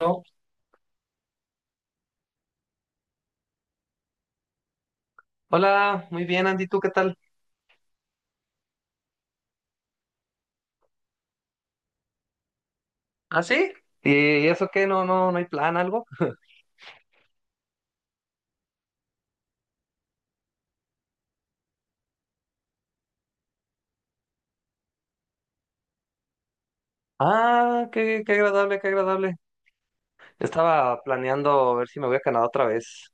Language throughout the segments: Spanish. No. Hola, muy bien, Andy, ¿tú qué tal? ¿Ah, sí? ¿Y eso qué? ¿No, no, no hay plan, algo? Ah, qué agradable, qué agradable. Estaba planeando ver si me voy a Canadá otra vez.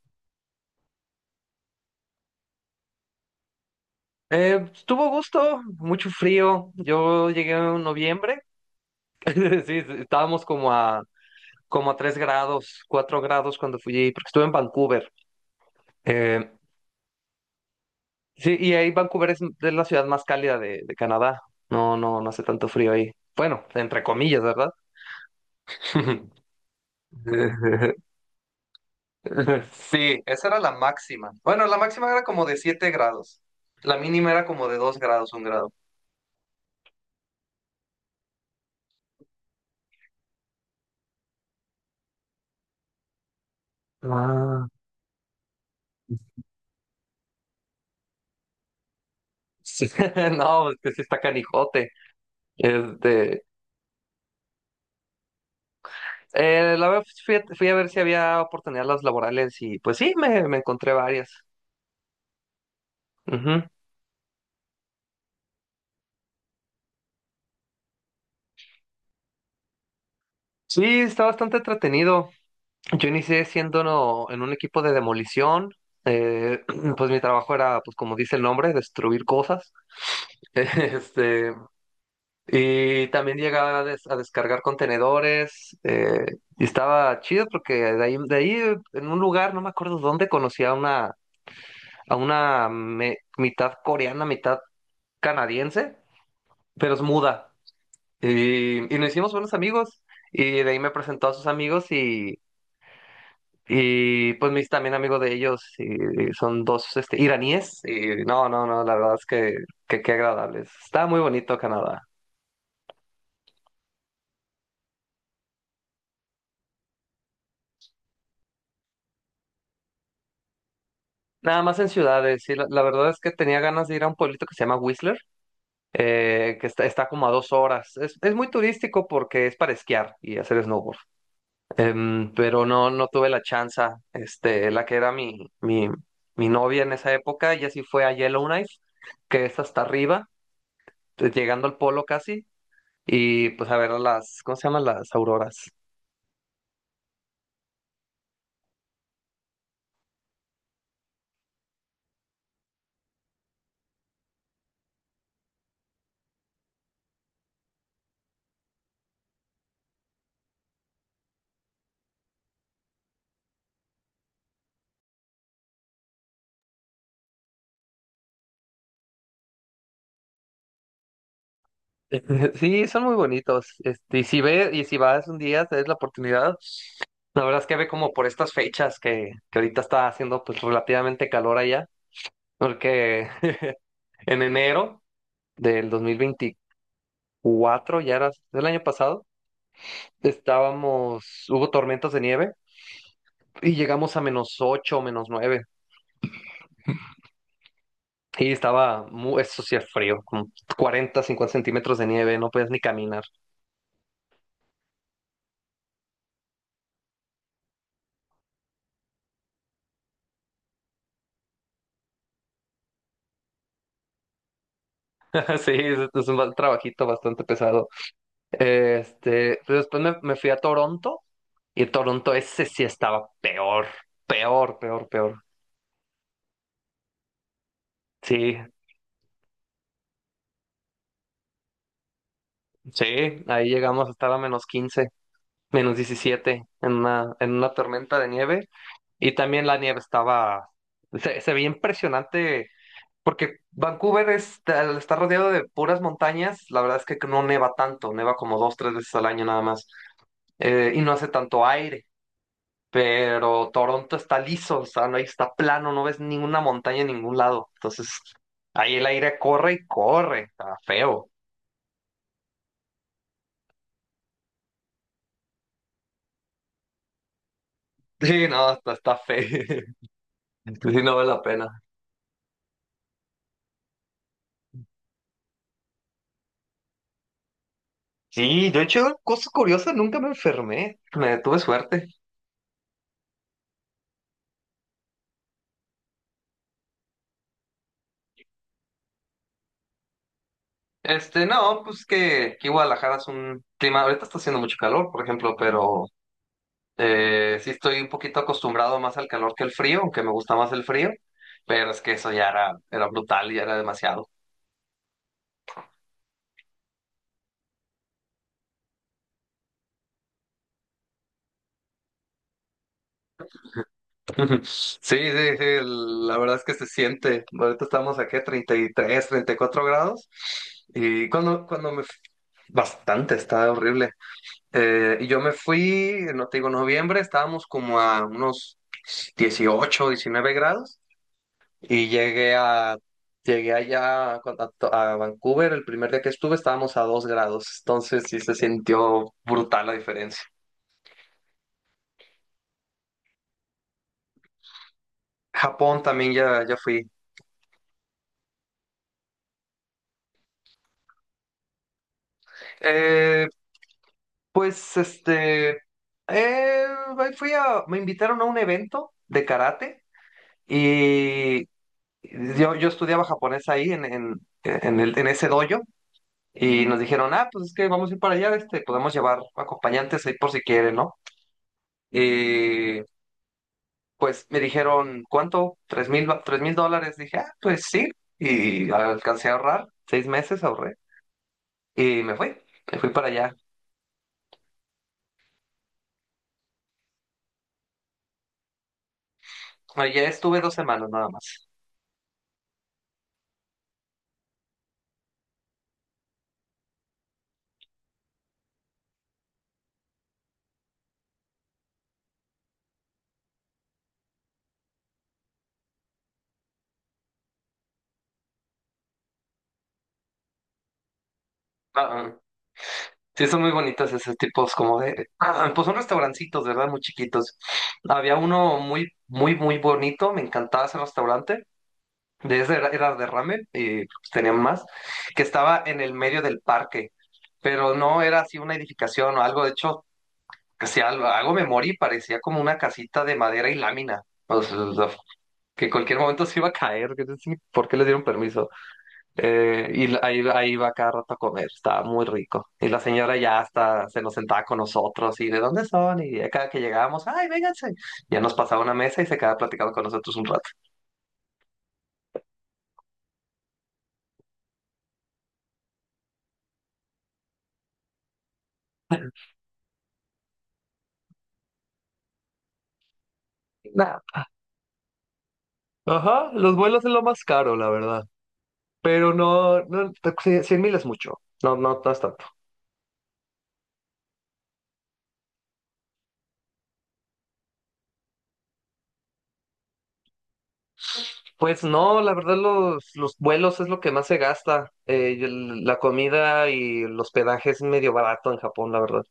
Estuvo a gusto, mucho frío. Yo llegué en noviembre. Sí, sí, estábamos como a 3 grados, 4 grados cuando fui, porque estuve en Vancouver. Eh, sí, y ahí Vancouver es la ciudad más cálida de Canadá. No, no, no hace tanto frío ahí. Bueno, entre comillas, ¿verdad? Sí, esa era la máxima. Bueno, la máxima era como de 7 grados. La mínima era como de 2 grados, 1 grado. Ah. Sí, no, es que sí está canijote. Este, la vez fui a ver si había oportunidades laborales y pues sí, me encontré varias. Ujú. Sí, está bastante entretenido. Yo inicié siendo en un equipo de demolición. Eh, pues mi trabajo era, pues como dice el nombre, destruir cosas. Este, y también llegaba a descargar contenedores. Y estaba chido porque de ahí, en un lugar, no me acuerdo dónde, conocí a una mitad coreana, mitad canadiense, pero es muda. Y nos hicimos buenos amigos. Y de ahí me presentó a sus amigos y pues me hice también amigo de ellos. Y, son dos este, iraníes. Y no, no, no, la verdad es que qué agradables. Está muy bonito Canadá. Nada más en ciudades, sí. La verdad es que tenía ganas de ir a un pueblito que se llama Whistler, que está, está como a 2 horas. Es muy turístico porque es para esquiar y hacer snowboard. Pero no, no tuve la chance. Este, la que era mi, mi novia en esa época, ella sí fue a Yellowknife, que es hasta arriba, pues, llegando al polo casi, y pues a ver las, ¿cómo se llaman? Las auroras. Sí, son muy bonitos. Este, y si vas un día, te des la oportunidad. La verdad es que ve como por estas fechas que ahorita está haciendo pues relativamente calor allá, porque en enero del 2024 ya era el año pasado, estábamos, hubo tormentas de nieve y llegamos a -8 o -9 y estaba, eso sí es frío, como 40, 50 centímetros de nieve, no podías ni caminar. Sí, es un trabajito bastante pesado. Este, pero después me fui a Toronto y Toronto ese sí estaba peor, peor, peor, peor. Sí, sí, ahí llegamos a estar a -15, -17, en una tormenta de nieve. Y también la nieve estaba, se veía impresionante porque Vancouver está, al estar rodeado de puras montañas, la verdad es que no neva tanto, neva como dos, tres veces al año nada más. Y no hace tanto aire, pero Toronto está liso, o sea, no, está plano, no ves ninguna montaña en ningún lado. Entonces, ahí el aire corre y corre, está feo. Sí, no, está feo. Sí, no vale la pena. Sí, yo he hecho cosas curiosas, nunca me enfermé, me tuve suerte. Este, no, pues que Guadalajara es un clima, ahorita está haciendo mucho calor, por ejemplo, pero sí estoy un poquito acostumbrado más al calor que al frío, aunque me gusta más el frío, pero es que eso ya era, era brutal, ya era demasiado. Sí, sí, sí, la verdad es que se siente, ahorita estamos aquí a 33, 34 grados y cuando me... Bastante, está horrible. Y yo me fui, no te digo, noviembre, estábamos como a unos 18, 19 grados y llegué allá a Vancouver, el primer día que estuve estábamos a 2 grados, entonces sí se sintió brutal la diferencia. Japón también ya, ya fui. Eh, pues este, eh, ahí me invitaron a un evento de karate y yo estudiaba japonés ahí en ese dojo. Y nos dijeron, ah, pues es que vamos a ir para allá, este, podemos llevar acompañantes ahí por si quieren, ¿no? Y pues me dijeron, ¿cuánto? $3,000. Dije, ah, pues sí. Y alcancé a ahorrar, 6 meses ahorré. Y me fui para allá. Allá estuve 2 semanas nada más. Ah, ah. Sí, son muy bonitas esos tipos como de... pues son restaurancitos, ¿verdad? Muy chiquitos. Había uno muy, muy, muy bonito, me encantaba ese restaurante de ese era, era de ramen y pues, tenían más, que estaba en el medio del parque, pero no era así una edificación o algo, de hecho, que si algo, algo me morí, parecía como una casita de madera y lámina, o sea, que en cualquier momento se iba a caer, que no sé, ¿por qué les dieron permiso? Y ahí, ahí iba cada rato a comer, estaba muy rico. Y la señora ya hasta se nos sentaba con nosotros y ¿de dónde son? Y cada que llegábamos, ¡ay, vénganse! Ya nos pasaba una mesa y se quedaba platicando con nosotros un rato. Nada, ajá, los vuelos es lo más caro, la verdad. Pero no, no, 100,000 es mucho. No, no, no es tanto. Pues no, la verdad los vuelos es lo que más se gasta. Y la comida y el hospedaje es medio barato en Japón, la verdad.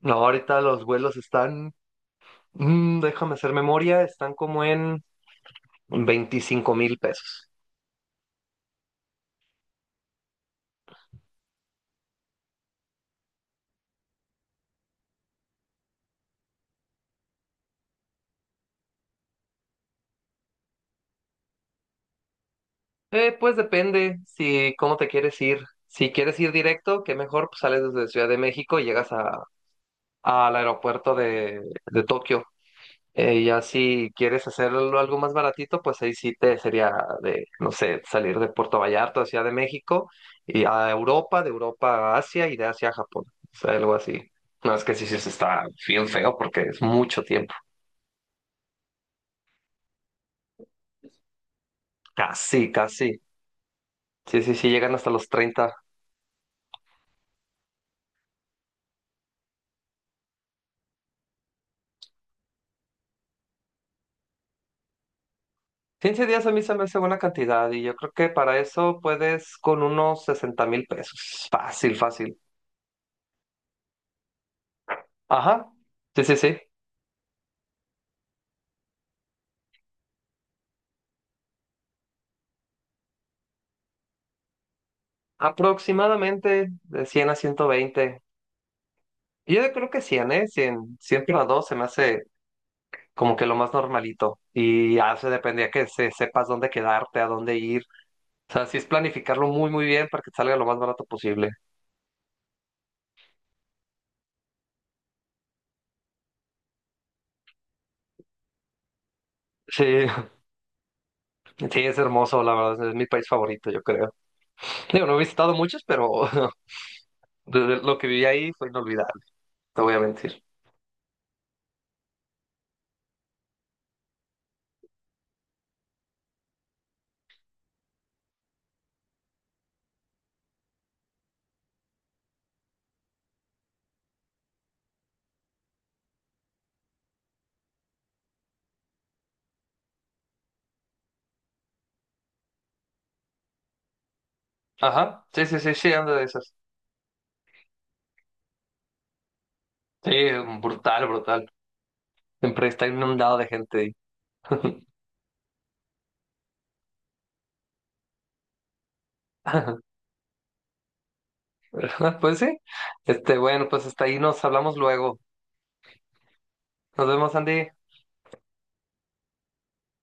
No, ahorita los vuelos están, déjame hacer memoria, están como en 25,000 pesos. Pues depende si cómo te quieres ir. Si quieres ir directo, que mejor, pues sales desde Ciudad de México y llegas al aeropuerto de Tokio. Ya si quieres hacerlo algo más baratito, pues ahí sí te sería de, no sé, salir de Puerto Vallarta a Ciudad de México y a Europa, de Europa a Asia y de Asia a Japón. O sea, algo así. No, es que sí, sí, se está bien feo porque es mucho tiempo. Casi, casi. Sí, sí, sí, llegan hasta los 30. 15 días a mí se me hace buena cantidad y yo creo que para eso puedes con unos 60,000 pesos. Fácil, fácil. Ajá. Sí, sí, sí. Aproximadamente de 100 a 120. Yo creo que cien, ¿eh? Cien, 100 para 2 se me hace como que lo más normalito. Y ya se dependía sepas dónde quedarte, a dónde ir. O sea, sí es planificarlo muy, muy bien para que te salga lo más barato posible. Sí, sí, es hermoso, la verdad. Es mi país favorito, yo creo. Digo, no he visitado muchos, pero desde lo que viví ahí fue inolvidable, te voy a mentir. Ajá, sí, sí, sí, sí, ando de esas. Sí, brutal, brutal. Siempre está inundado de gente ahí. Pues sí. Este, bueno, pues hasta ahí nos hablamos luego. Nos vemos, Andy.